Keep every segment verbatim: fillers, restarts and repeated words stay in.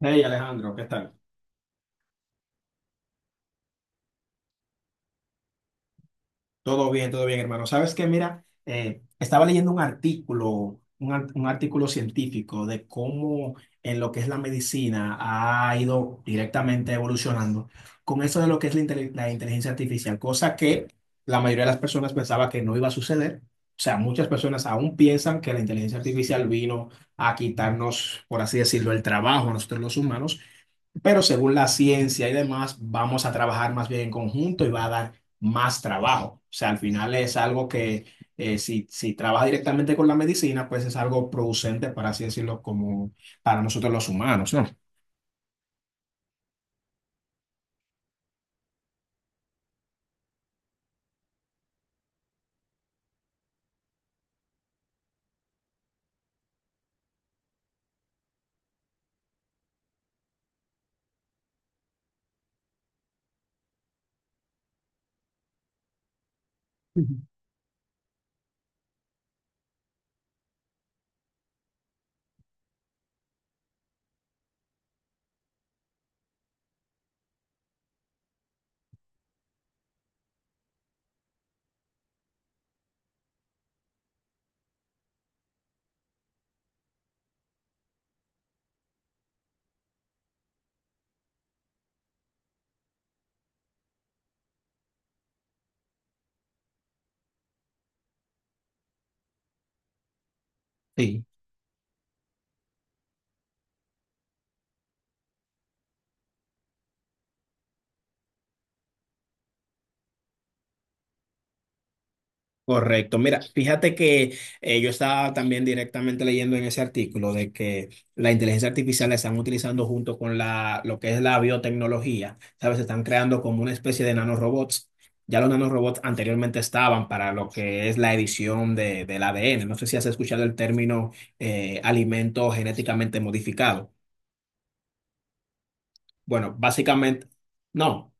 Hey, Alejandro, ¿qué tal? Todo bien, todo bien, hermano. Sabes que, mira, eh, estaba leyendo un artículo, un, ar- un artículo científico de cómo en lo que es la medicina ha ido directamente evolucionando con eso de lo que es la, intel- la inteligencia artificial, cosa que la mayoría de las personas pensaba que no iba a suceder. O sea, muchas personas aún piensan que la inteligencia artificial vino a quitarnos, por así decirlo, el trabajo a nosotros los humanos. Pero según la ciencia y demás, vamos a trabajar más bien en conjunto y va a dar más trabajo. O sea, al final es algo que eh, si, si trabaja directamente con la medicina, pues es algo producente, para así decirlo, como para nosotros los humanos, ¿no? Ujú. Sí. Correcto. Mira, fíjate que eh, yo estaba también directamente leyendo en ese artículo de que la inteligencia artificial la están utilizando junto con la, lo que es la biotecnología. ¿Sabes? Están creando como una especie de nanorobots. Ya los nanorobots anteriormente estaban para lo que es la edición de, del A D N. No sé si has escuchado el término eh, alimento genéticamente modificado. Bueno, básicamente, no.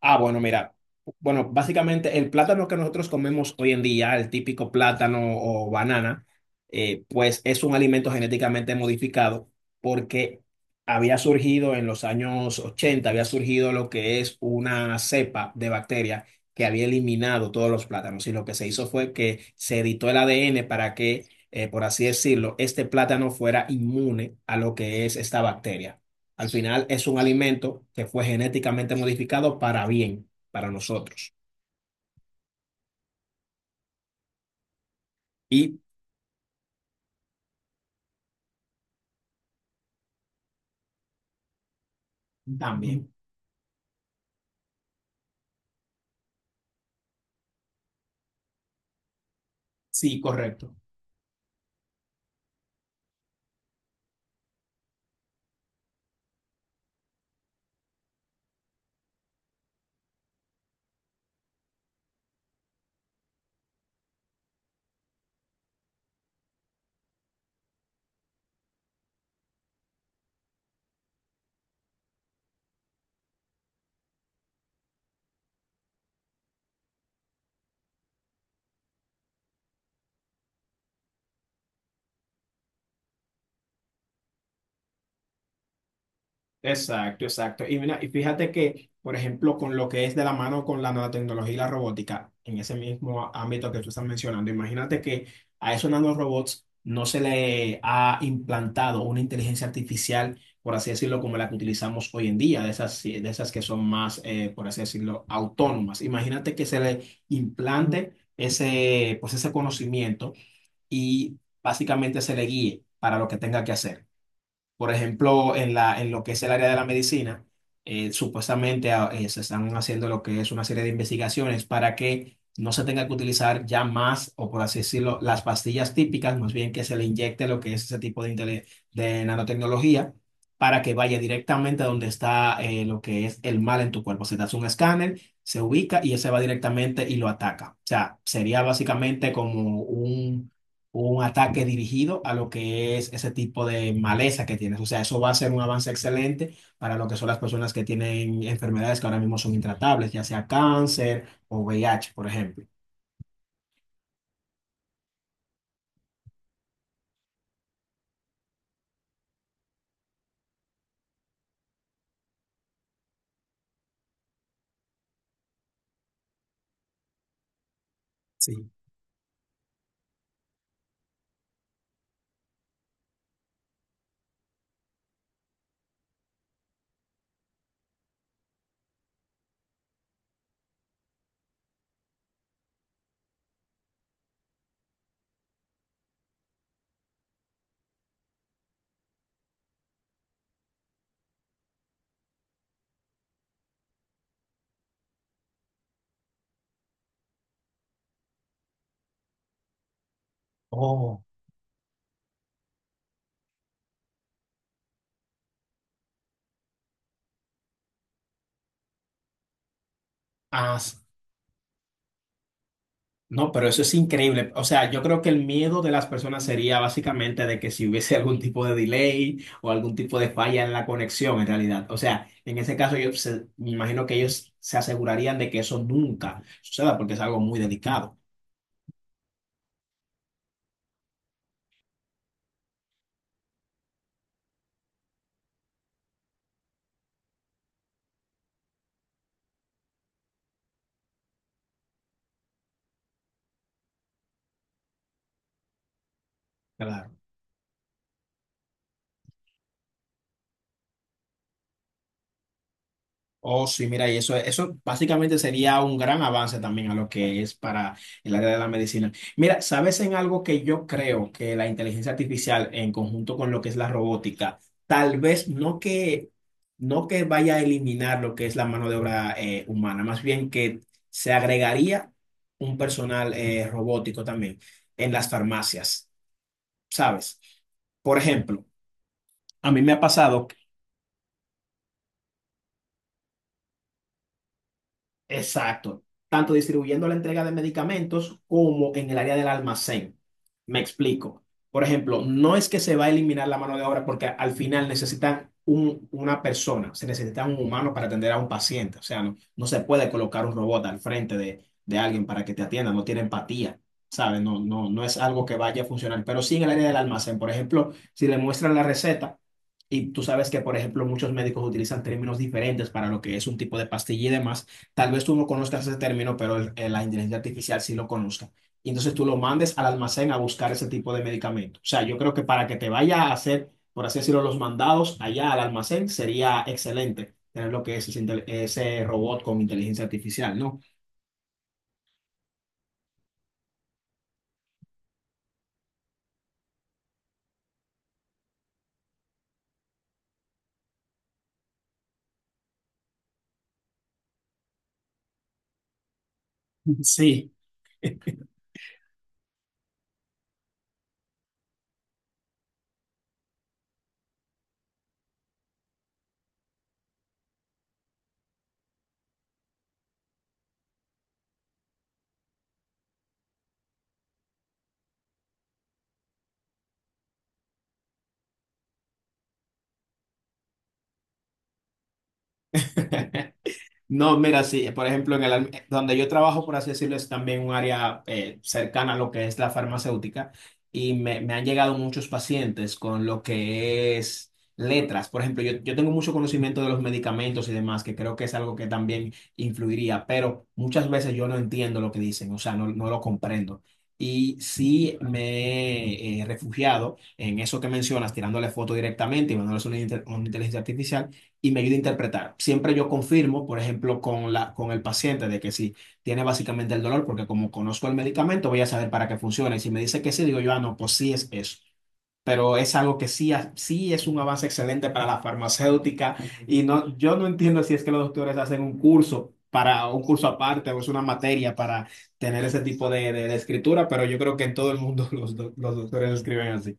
Ah, bueno, mira. Bueno, básicamente el plátano que nosotros comemos hoy en día, el típico plátano o banana, eh, pues es un alimento genéticamente modificado porque había surgido en los años ochenta, había surgido lo que es una cepa de bacteria que había eliminado todos los plátanos. Y lo que se hizo fue que se editó el A D N para que, eh, por así decirlo, este plátano fuera inmune a lo que es esta bacteria. Al final es un alimento que fue genéticamente modificado para bien, para nosotros. Y también, sí, correcto. Exacto, exacto. Y mira, y fíjate que, por ejemplo, con lo que es de la mano con la nanotecnología y la robótica, en ese mismo á- ámbito que tú estás mencionando, imagínate que a esos nanorobots no se le ha implantado una inteligencia artificial, por así decirlo, como la que utilizamos hoy en día, de esas, sí, de esas que son más, eh, por así decirlo, autónomas. Imagínate que se le implante ese, pues ese conocimiento y básicamente se le guíe para lo que tenga que hacer. Por ejemplo, en la, en lo que es el área de la medicina, eh, supuestamente ah, eh, se están haciendo lo que es una serie de investigaciones para que no se tenga que utilizar ya más, o por así decirlo, las pastillas típicas, más bien que se le inyecte lo que es ese tipo de, intele- de nanotecnología para que vaya directamente a donde está eh, lo que es el mal en tu cuerpo. Se te hace un escáner, se ubica y ese va directamente y lo ataca. O sea, sería básicamente como un un ataque dirigido a lo que es ese tipo de maleza que tienes. O sea, eso va a ser un avance excelente para lo que son las personas que tienen enfermedades que ahora mismo son intratables, ya sea cáncer o V I H, por ejemplo. Sí. Oh, ah, s- no, pero eso es increíble. O sea, yo creo que el miedo de las personas sería básicamente de que si hubiese algún tipo de delay o algún tipo de falla en la conexión, en realidad. O sea, en ese caso yo se- me imagino que ellos se asegurarían de que eso nunca suceda porque es algo muy delicado. Oh, sí, mira, y eso, eso básicamente sería un gran avance también a lo que es para el área de la medicina. Mira, ¿sabes en algo que yo creo que la inteligencia artificial en conjunto con lo que es la robótica, tal vez no que, no que vaya a eliminar lo que es la mano de obra eh, humana, más bien que se agregaría un personal eh, robótico también en las farmacias, ¿sabes? Por ejemplo, a mí me ha pasado. Exacto, tanto distribuyendo la entrega de medicamentos como en el área del almacén. Me explico. Por ejemplo, no es que se va a eliminar la mano de obra porque al final necesitan un- una persona, se necesita un humano para atender a un paciente. O sea, no, no se puede colocar un robot al frente de, de alguien para que te atienda, no tiene empatía, ¿sabes? No, no, no es algo que vaya a funcionar. Pero sí en el área del almacén, por ejemplo, si le muestran la receta. Y tú sabes que, por ejemplo, muchos médicos utilizan términos diferentes para lo que es un tipo de pastilla y demás. Tal vez tú no conozcas ese término, pero el- eh, la inteligencia artificial sí lo conozca. Y entonces tú lo mandes al almacén a buscar ese tipo de medicamento. O sea, yo creo que para que te vaya a hacer, por así decirlo, los mandados allá al almacén, sería excelente tener lo que es ese, intel- ese robot con inteligencia artificial, ¿no? Sí. No, mira, sí, por ejemplo, en el, al- donde yo trabajo, por así decirlo, es también un área eh, cercana a lo que es la farmacéutica y me, me han llegado muchos pacientes con lo que es letras. Por ejemplo, yo, yo tengo mucho conocimiento de los medicamentos y demás, que creo que es algo que también influiría, pero muchas veces yo no entiendo lo que dicen, o sea, no, no lo comprendo. Y sí me he eh, refugiado en eso que mencionas, tirándole foto directamente y mandándole una, inte- una inteligencia artificial y me ayuda a interpretar. Siempre yo confirmo, por ejemplo, con la, con el paciente de que si tiene básicamente el dolor, porque como conozco el medicamento, voy a saber para qué funciona. Y si me dice que sí, digo yo, ah, no, pues sí es eso. Pero es algo que sí, ha- sí es un avance excelente para la farmacéutica y no, yo no entiendo si es que los doctores hacen un curso para un curso aparte o es una materia para tener ese tipo de, de- de escritura, pero yo creo que en todo el mundo los, doc- los doctores escriben así.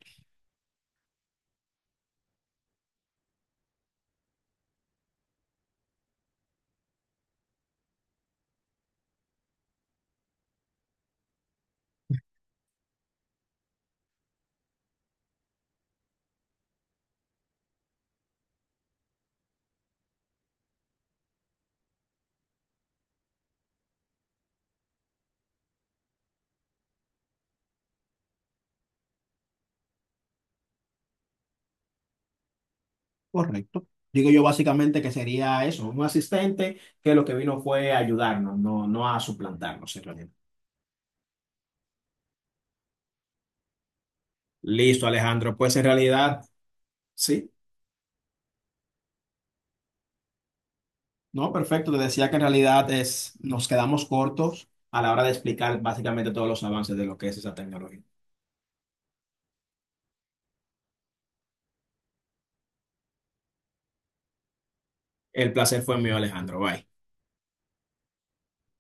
Correcto. Digo yo básicamente que sería eso, un asistente que lo que vino fue a ayudarnos, no, no a suplantarnos en realidad. Listo, Alejandro. Pues en realidad, sí, no, perfecto. Te decía que en realidad es, nos quedamos cortos a la hora de explicar básicamente todos los avances de lo que es esa tecnología. El placer fue mío, Alejandro. Bye.